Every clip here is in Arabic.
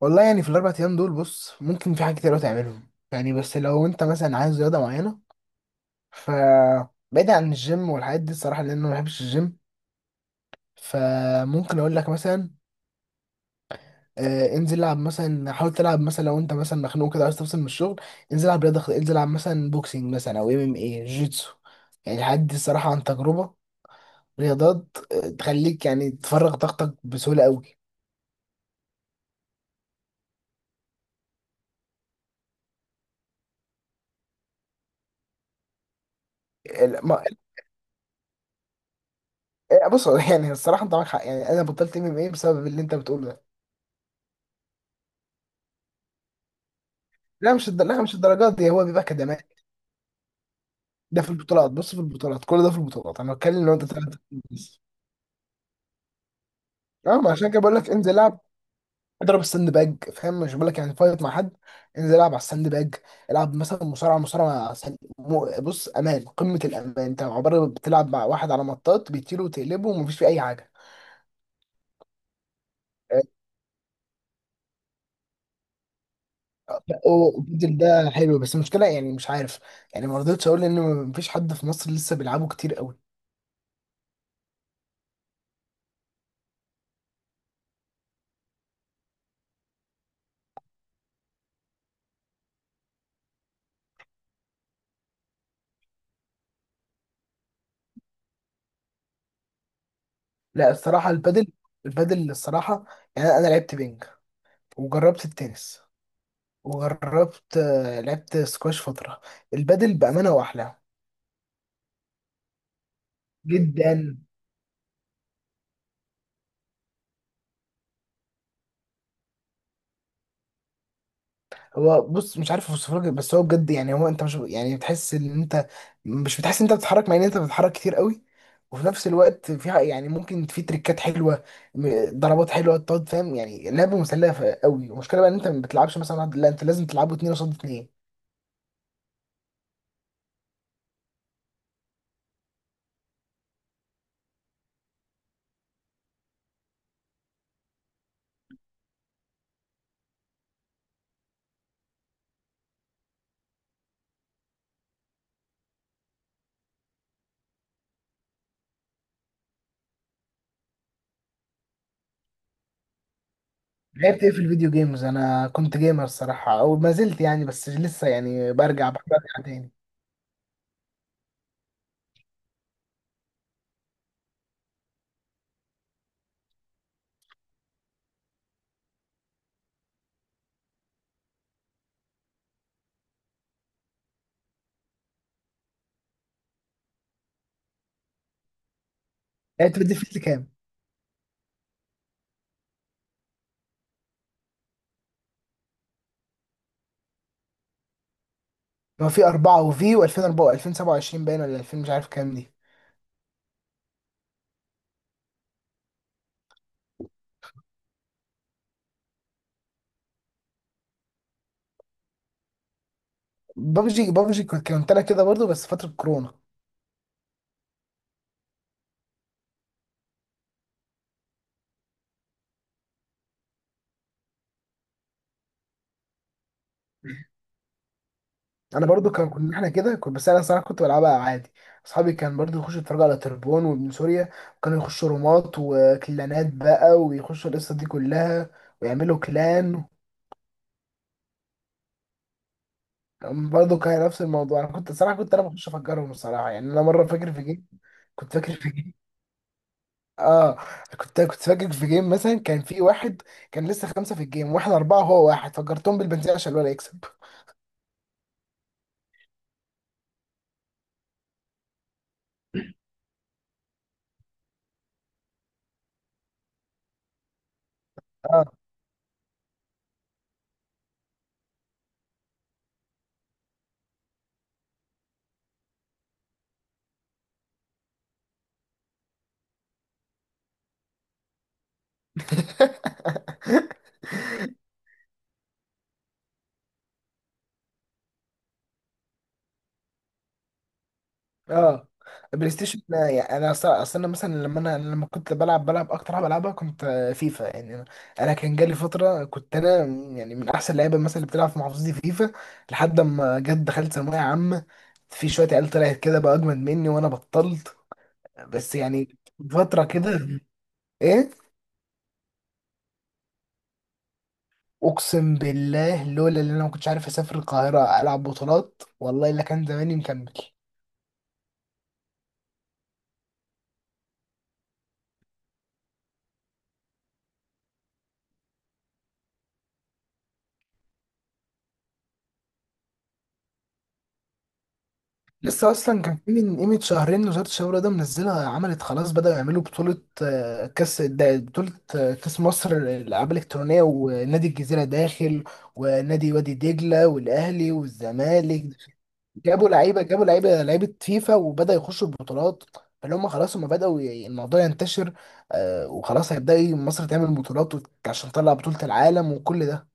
والله يعني في الاربع ايام دول، بص ممكن في حاجات كتير أوي تعملهم يعني. بس لو انت مثلا عايز رياضه معينه ف بعيد عن الجيم والحاجات دي الصراحه، لان انا ما بحبش الجيم. فممكن اقول لك مثلا انزل العب، مثلا حاول تلعب، مثلا لو انت مثلا مخنوق كده عايز تفصل من الشغل انزل العب رياضه انزل العب مثلا بوكسينج، مثلا او ام ام اي، جيتسو يعني. الحاجات دي الصراحه عن تجربه، رياضات تخليك يعني تفرغ طاقتك بسهوله قوي. ال- ما- بص يعني الصراحه انت معاك حق، يعني انا بطلت ام ام اي بسبب اللي انت بتقوله ده. لا مش لا مش الدرجات دي، هو بيبقى كدمات. ده في البطولات، بص في البطولات، كل ده في البطولات، انا بتكلم لو انت طلعت. بس اه، ما عشان كده بقول لك انزل العب، اضرب الساند باج. فاهم؟ مش بقول لك يعني فايت مع حد، انزل العب على الساند باج. العب مثلا مصارعه، مصارعه بص امان، قمه الامان، انت عباره بتلعب مع واحد على مطاط بيطير وتقلبه ومفيش فيه اي حاجه. البدل ده حلو، بس المشكله يعني مش عارف، يعني ما رضيتش اقول ان مفيش حد في مصر لسه بيلعبه كتير قوي. لا الصراحه البدل، البدل الصراحه، يعني انا لعبت بينج، وجربت التنس، وجربت لعبت سكواش فترة. البادل بأمانة هو أحلى. جدا. هو بص مش عارف اوصفه لك، بس هو بجد يعني، هو انت مش يعني بتحس ان انت، مش بتحس ان انت بتتحرك مع ان انت بتتحرك كتير قوي. وفي نفس الوقت فيها يعني ممكن في تريكات حلوه، ضربات حلوه تقعد. فاهم يعني لعبه مسليه قوي. المشكله بقى ان انت ما بتلعبش مثلا واحد، لا انت لازم تلعبه اتنين قصاد اتنين. لعبت ايه في الفيديو جيمز؟ انا كنت جيمر الصراحه، او ما زلت يعني، بس لسه يعني برجع برجع تاني. يعني انت بتضيف لي كام؟ ما في 4، وفي و2004 و2027 باين، ولا 2000 مش عارف كام دي. بابجي، بابجي كنت انا كده برضو، بس فترة كورونا. انا برضو كان كنا احنا كده، كنت بس انا الصراحة كنت بلعبها عادي. اصحابي كان برضو يخشوا يتفرجوا على تربون وابن سوريا، وكانوا يخشوا رومات وكلانات بقى، ويخشوا القصة دي كلها ويعملوا كلان. برضو كان نفس الموضوع، انا كنت الصراحة، كنت انا بخش افجرهم الصراحة. يعني انا مرة فاكر في جيم، كنت فاكر في جيم. اه، كنت كنت فاكر في جيم مثلا، كان في واحد كان لسه خمسه في الجيم واحنا اربعه، هو واحد، فجرتهم بالبنزين عشان الولد يكسب. اه. اه، بلاي ستيشن يعني انا اصلا، أصل انا مثلا لما انا لما كنت بلعب، بلعب اكتر حاجه بلعبها كنت فيفا. يعني انا كان جالي فتره كنت انا يعني من احسن اللعيبه مثلا اللي بتلعب في محافظتي في فيفا، لحد ما جت دخلت ثانويه عامه، في شويه عيال طلعت كده بقى اجمد مني وانا بطلت. بس يعني فتره كده. ايه، اقسم بالله لولا اللي انا ما كنتش عارف اسافر القاهره العب بطولات، والله الا كان زماني مكمل. لسه اصلا كان في من قيمه شهرين، وزاره الشباب ده منزلها، عملت خلاص بداوا يعملوا بطوله بطوله كاس مصر الالعاب الالكترونيه، ونادي الجزيره داخل، ونادي وادي دجله والاهلي والزمالك. جابوا لعيبه، جابوا لعيبه، لعيبه فيفا، وبدأ يخشوا البطولات. فاللي هم خلاص هم الموضوع ينتشر، آه وخلاص مصر تعمل بطولات عشان تطلع بطولة العالم وكل ده.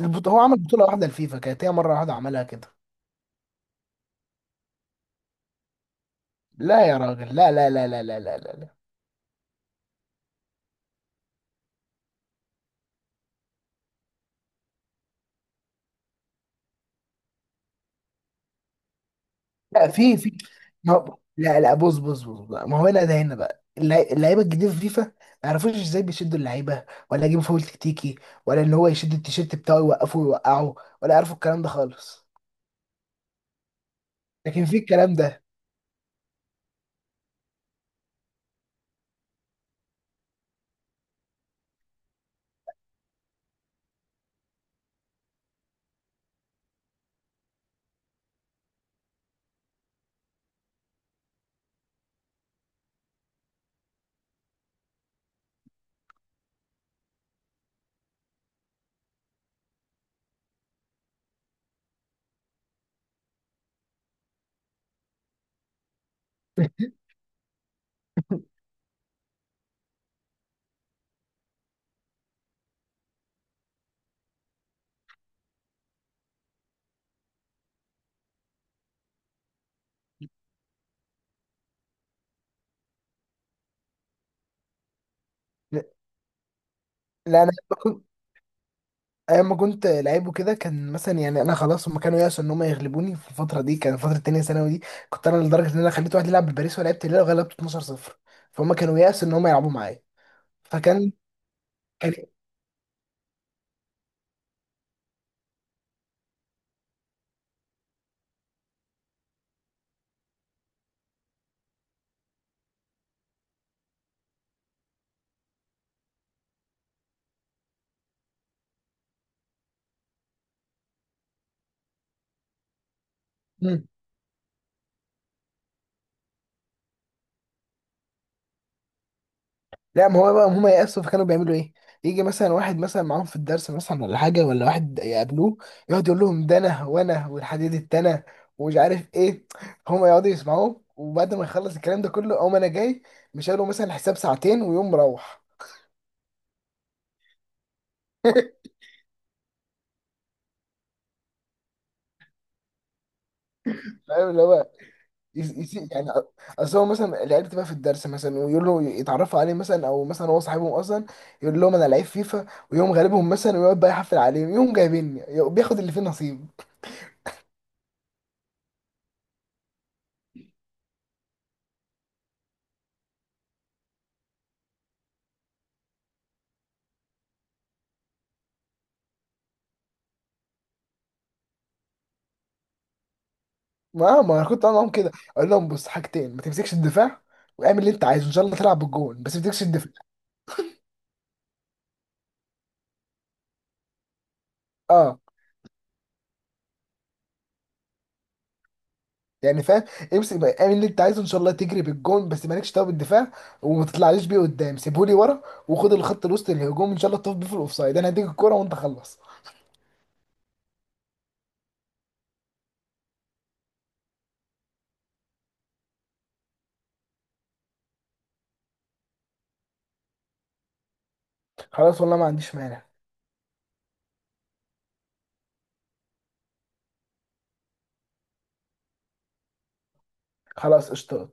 هو عمل بطولة واحدة لفيفا، كانت هي مرة واحدة عملها كده. لا يا راجل، لا لا لا لا لا لا لا لا. لا، في في، ما... هو- لا لا، بص بص بص بقى. ما هو هنا، ده هنا بقى اللعيبه الجديده في فيفا ما يعرفوش ازاي بيشدوا اللعيبه، ولا يجيبوا فاول تكتيكي، ولا ان هو يشد التيشيرت بتاعه يوقفه ويوقعه، ولا يعرفوا الكلام ده خالص. لكن في الكلام ده. لا انا كنت ايام ما كنت لعيب وكده، كان مثلا يعني انا خلاص هم كانوا يأسوا ان هم يغلبوني في الفتره دي، كان فتره تانية ثانوي دي. كنت انا لدرجه ان انا خليت واحد يلعب بباريس ولعبت الهلال وغلبته 12 0. فهم كانوا يأسوا ان هم يلعبوا معايا. فكان، كان، لا ما هو بقى هم يأسوا، فكانوا بيعملوا ايه؟ يجي مثلا واحد مثلا معاهم في الدرس مثلا ولا حاجة، ولا واحد يقابلوه، يقعد يقول لهم ده انا وانا والحديد التانى ومش عارف ايه. هم يقعدوا يسمعوه، وبعد ما يخلص الكلام ده كله اقوم انا جاي، مش قالوا مثلا حساب ساعتين، ويقوم مروح. فاهم اللي هو يعني اصل هو مثلا العيال بتبقى في الدرس مثلا، ويقول له يتعرفوا عليه مثلا، او مثلا هو صاحبهم اصلا، يقول لهم انا لعيب فيفا، ويقوم غالبهم مثلا، ويقعد بقى يحفل عليهم، يقوم جايبيني، يقوم بياخد اللي فيه نصيب. ما انا كنت عامل معاهم كده، اقول لهم بص حاجتين، ما تمسكش الدفاع، واعمل اللي انت عايزه ان شاء الله تلعب بالجون، بس ما تمسكش الدفاع. اه يعني فاهم، امسك بقى اعمل اللي انت عايزه ان شاء الله تجري بالجون، بس مالكش دعوه بالدفاع، وما تطلعليش بيه قدام سيبهولي ورا، وخد الخط الوسط الهجوم ان شاء الله تقف بيه في الاوفسايد، انا هديك الكوره وانت خلص. خلاص والله ما عنديش مانع. خلاص اشتغل.